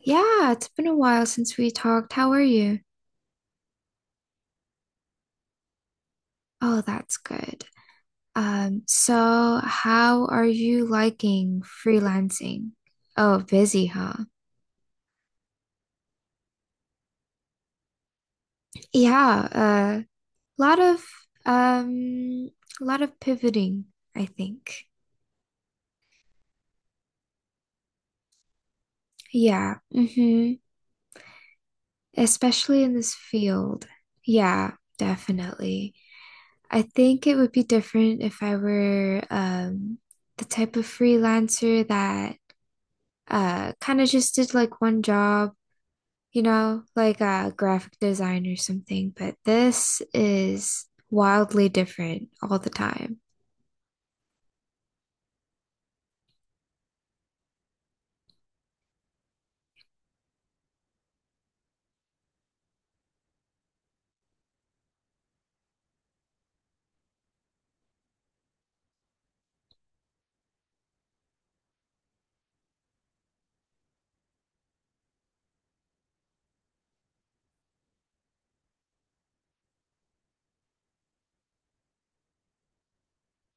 Yeah, it's been a while since we talked. How are you? Oh, that's good. So how are you liking freelancing? Oh, busy, huh? Yeah, a lot of um, lot of pivoting, I think. Yeah, mm-hmm. Especially in this field. Yeah, definitely. I think it would be different if I were the type of freelancer that kind of just did like one job, you know, like a graphic design or something, but this is wildly different all the time.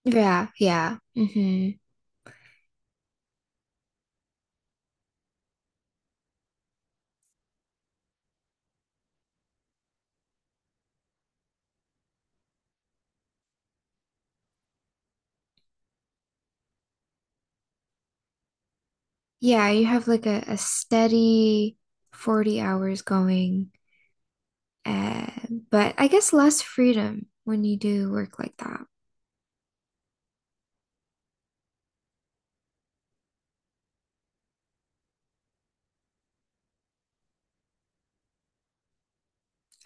Yeah, yeah. hmm Yeah, you have like a steady 40 hours going, uh, but I guess less freedom when you do work like that.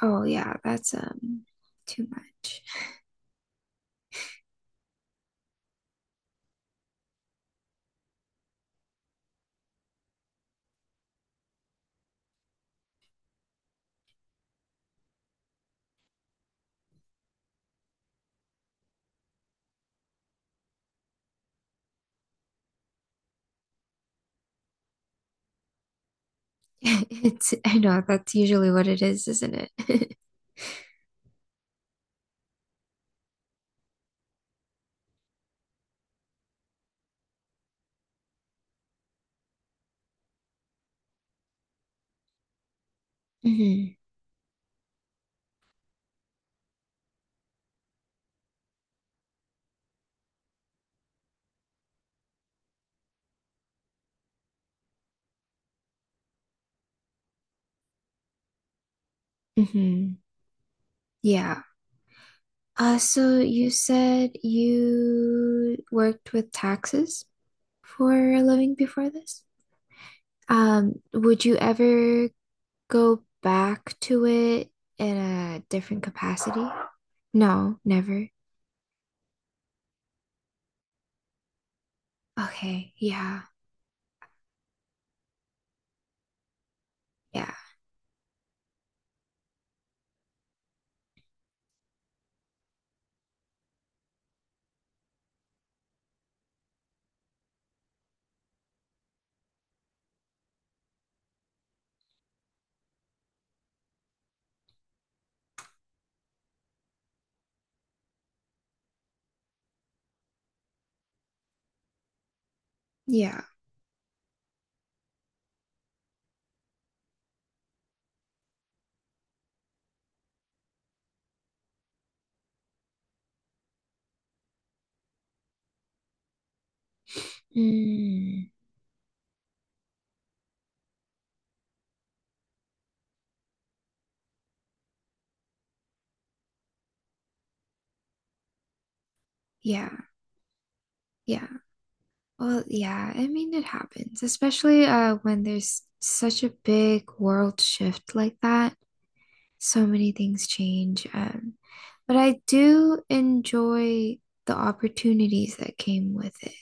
Oh yeah, that's too much. It's I know that's usually what it is, isn't it? hmm hmm Yeah. So you said you worked with taxes for a living before this? Would you ever go back to it in a different capacity? No, never. Okay, yeah, yeah, yeah. Mm, yeah, yeah. Well, yeah, I mean it happens, especially when there's such a big world shift like that. So many things change. But I do enjoy the opportunities that came with it.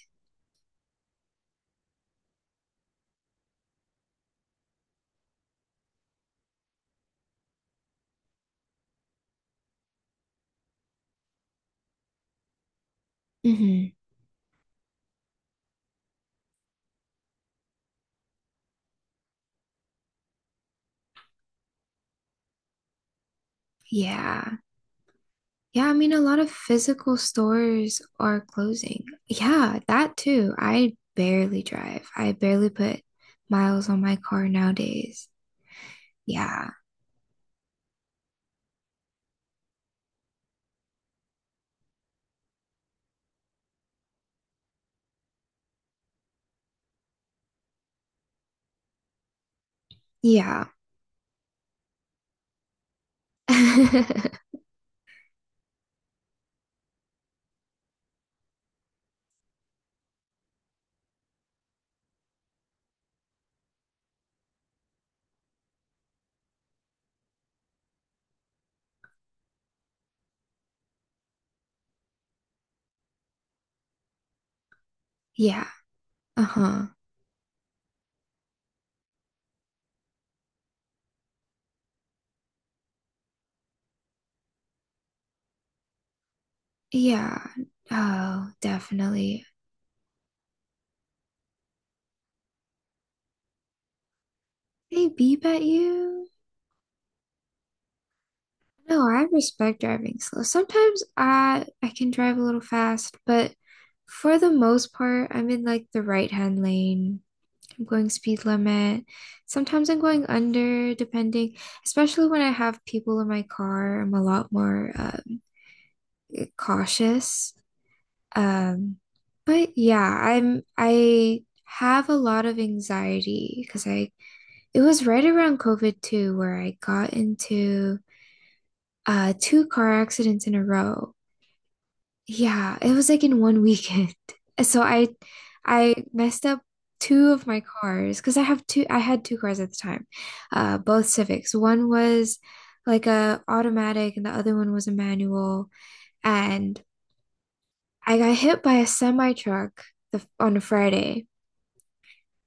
Hmm Yeah. Yeah, I mean, a lot of physical stores are closing. Yeah, that too. I barely drive. I barely put miles on my car nowadays. Yeah. Yeah. Yeah. Uh-huh. Yeah. Oh, definitely. They beep at you. No, I respect driving slow. Sometimes I can drive a little fast, but for the most part, I'm in like the right-hand lane. I'm going speed limit. Sometimes I'm going under, depending, especially when I have people in my car, I'm a lot more cautious. Um, but yeah, I have a lot of anxiety because I it was right around COVID too, where I got into two car accidents in a row. Yeah, it was like in one weekend. So I messed up two of my cars because I have two I had two cars at the time. Uh, both Civics. One was like a automatic and the other one was a manual and I got hit by a semi truck the, on a Friday.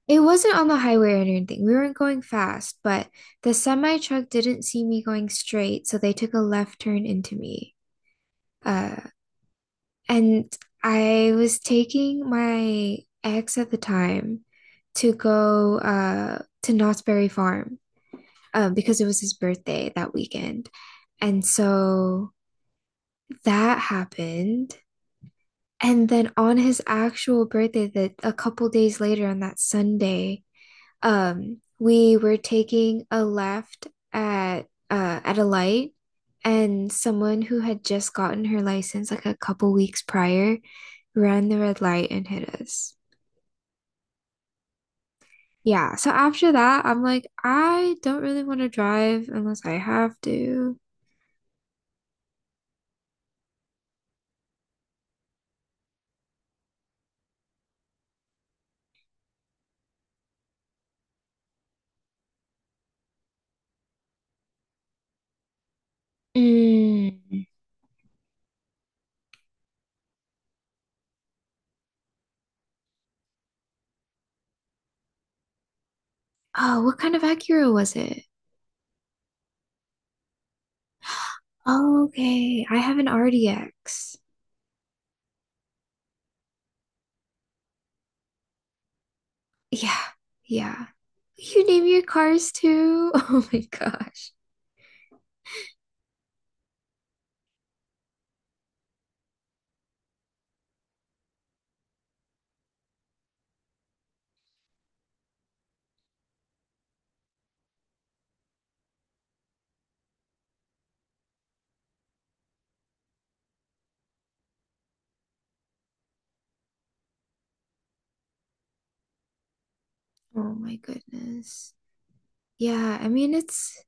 It wasn't on the highway or anything. We weren't going fast, but the semi truck didn't see me going straight, so they took a left turn into me. Uh, and I was taking my ex at the time to go to Knott's Berry Farm because it was his birthday that weekend. And so that happened. And then on his actual birthday, that a couple days later on that Sunday, we were taking a left at at a light, and someone who had just gotten her license like a couple weeks prior ran the red light and hit us. Yeah, so after that, I'm like, I don't really want to drive unless I have to. Mm. Oh, what kind of Acura was it? Oh, okay, I have an RDX. Yeah, yeah. You name your cars too? Oh my gosh. Oh my goodness. Yeah, I mean it's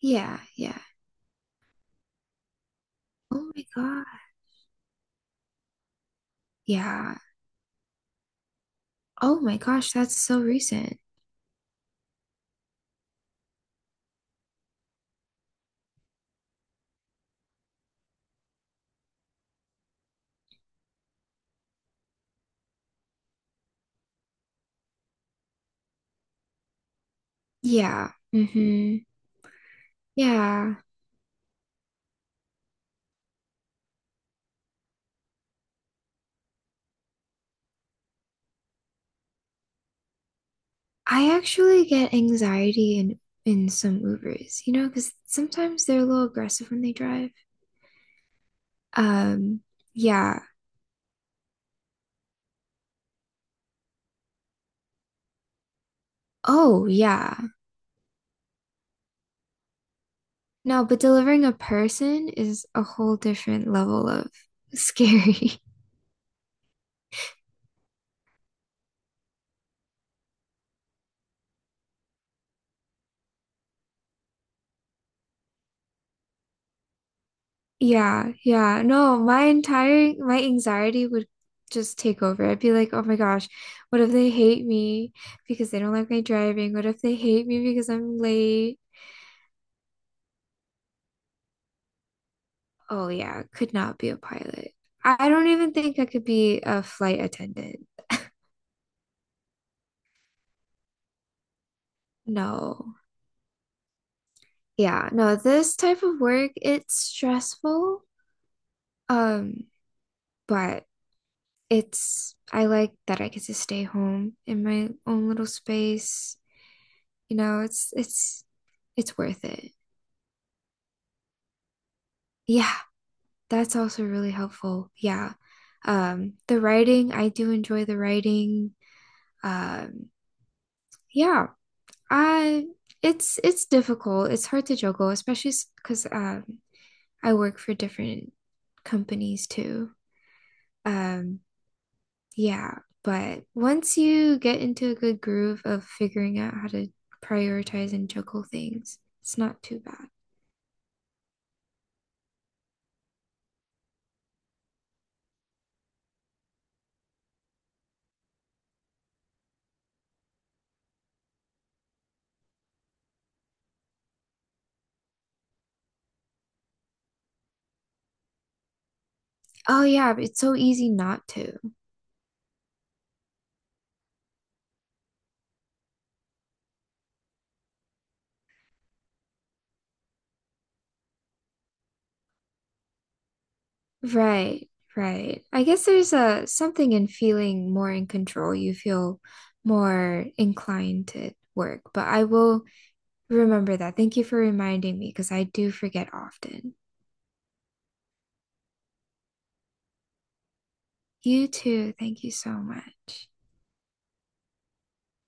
yeah, yeah. Oh my God. Yeah. Oh my gosh, that's so recent. Yeah. Mm-hmm. Yeah. I actually get anxiety in some Ubers, you know, because sometimes they're a little aggressive when they drive. Um, yeah. Oh, yeah. No, but delivering a person is a whole different level of scary. Yeah, yeah. No, my entire my anxiety would just take over. I'd be like, "Oh my gosh, what if they hate me because they don't like my driving? What if they hate me because I'm late?" Oh yeah, could not be a pilot. I don't even think I could be a flight attendant. No. Yeah, no, this type of work, it's stressful. Um, but it's I like that I get to stay home in my own little space. You know, it's it's worth it. Yeah, that's also really helpful. Yeah. The writing, I do enjoy the writing. Um, yeah, I it's difficult. It's hard to juggle, especially because I work for different companies too. Um, yeah, but once you get into a good groove of figuring out how to prioritize and juggle things, it's not too bad. Oh yeah, it's so easy not to. Right, right. I guess there's a something in feeling more in control. You feel more inclined to work, but I will remember that. Thank you for reminding me because I do forget often. You too. Thank you so much.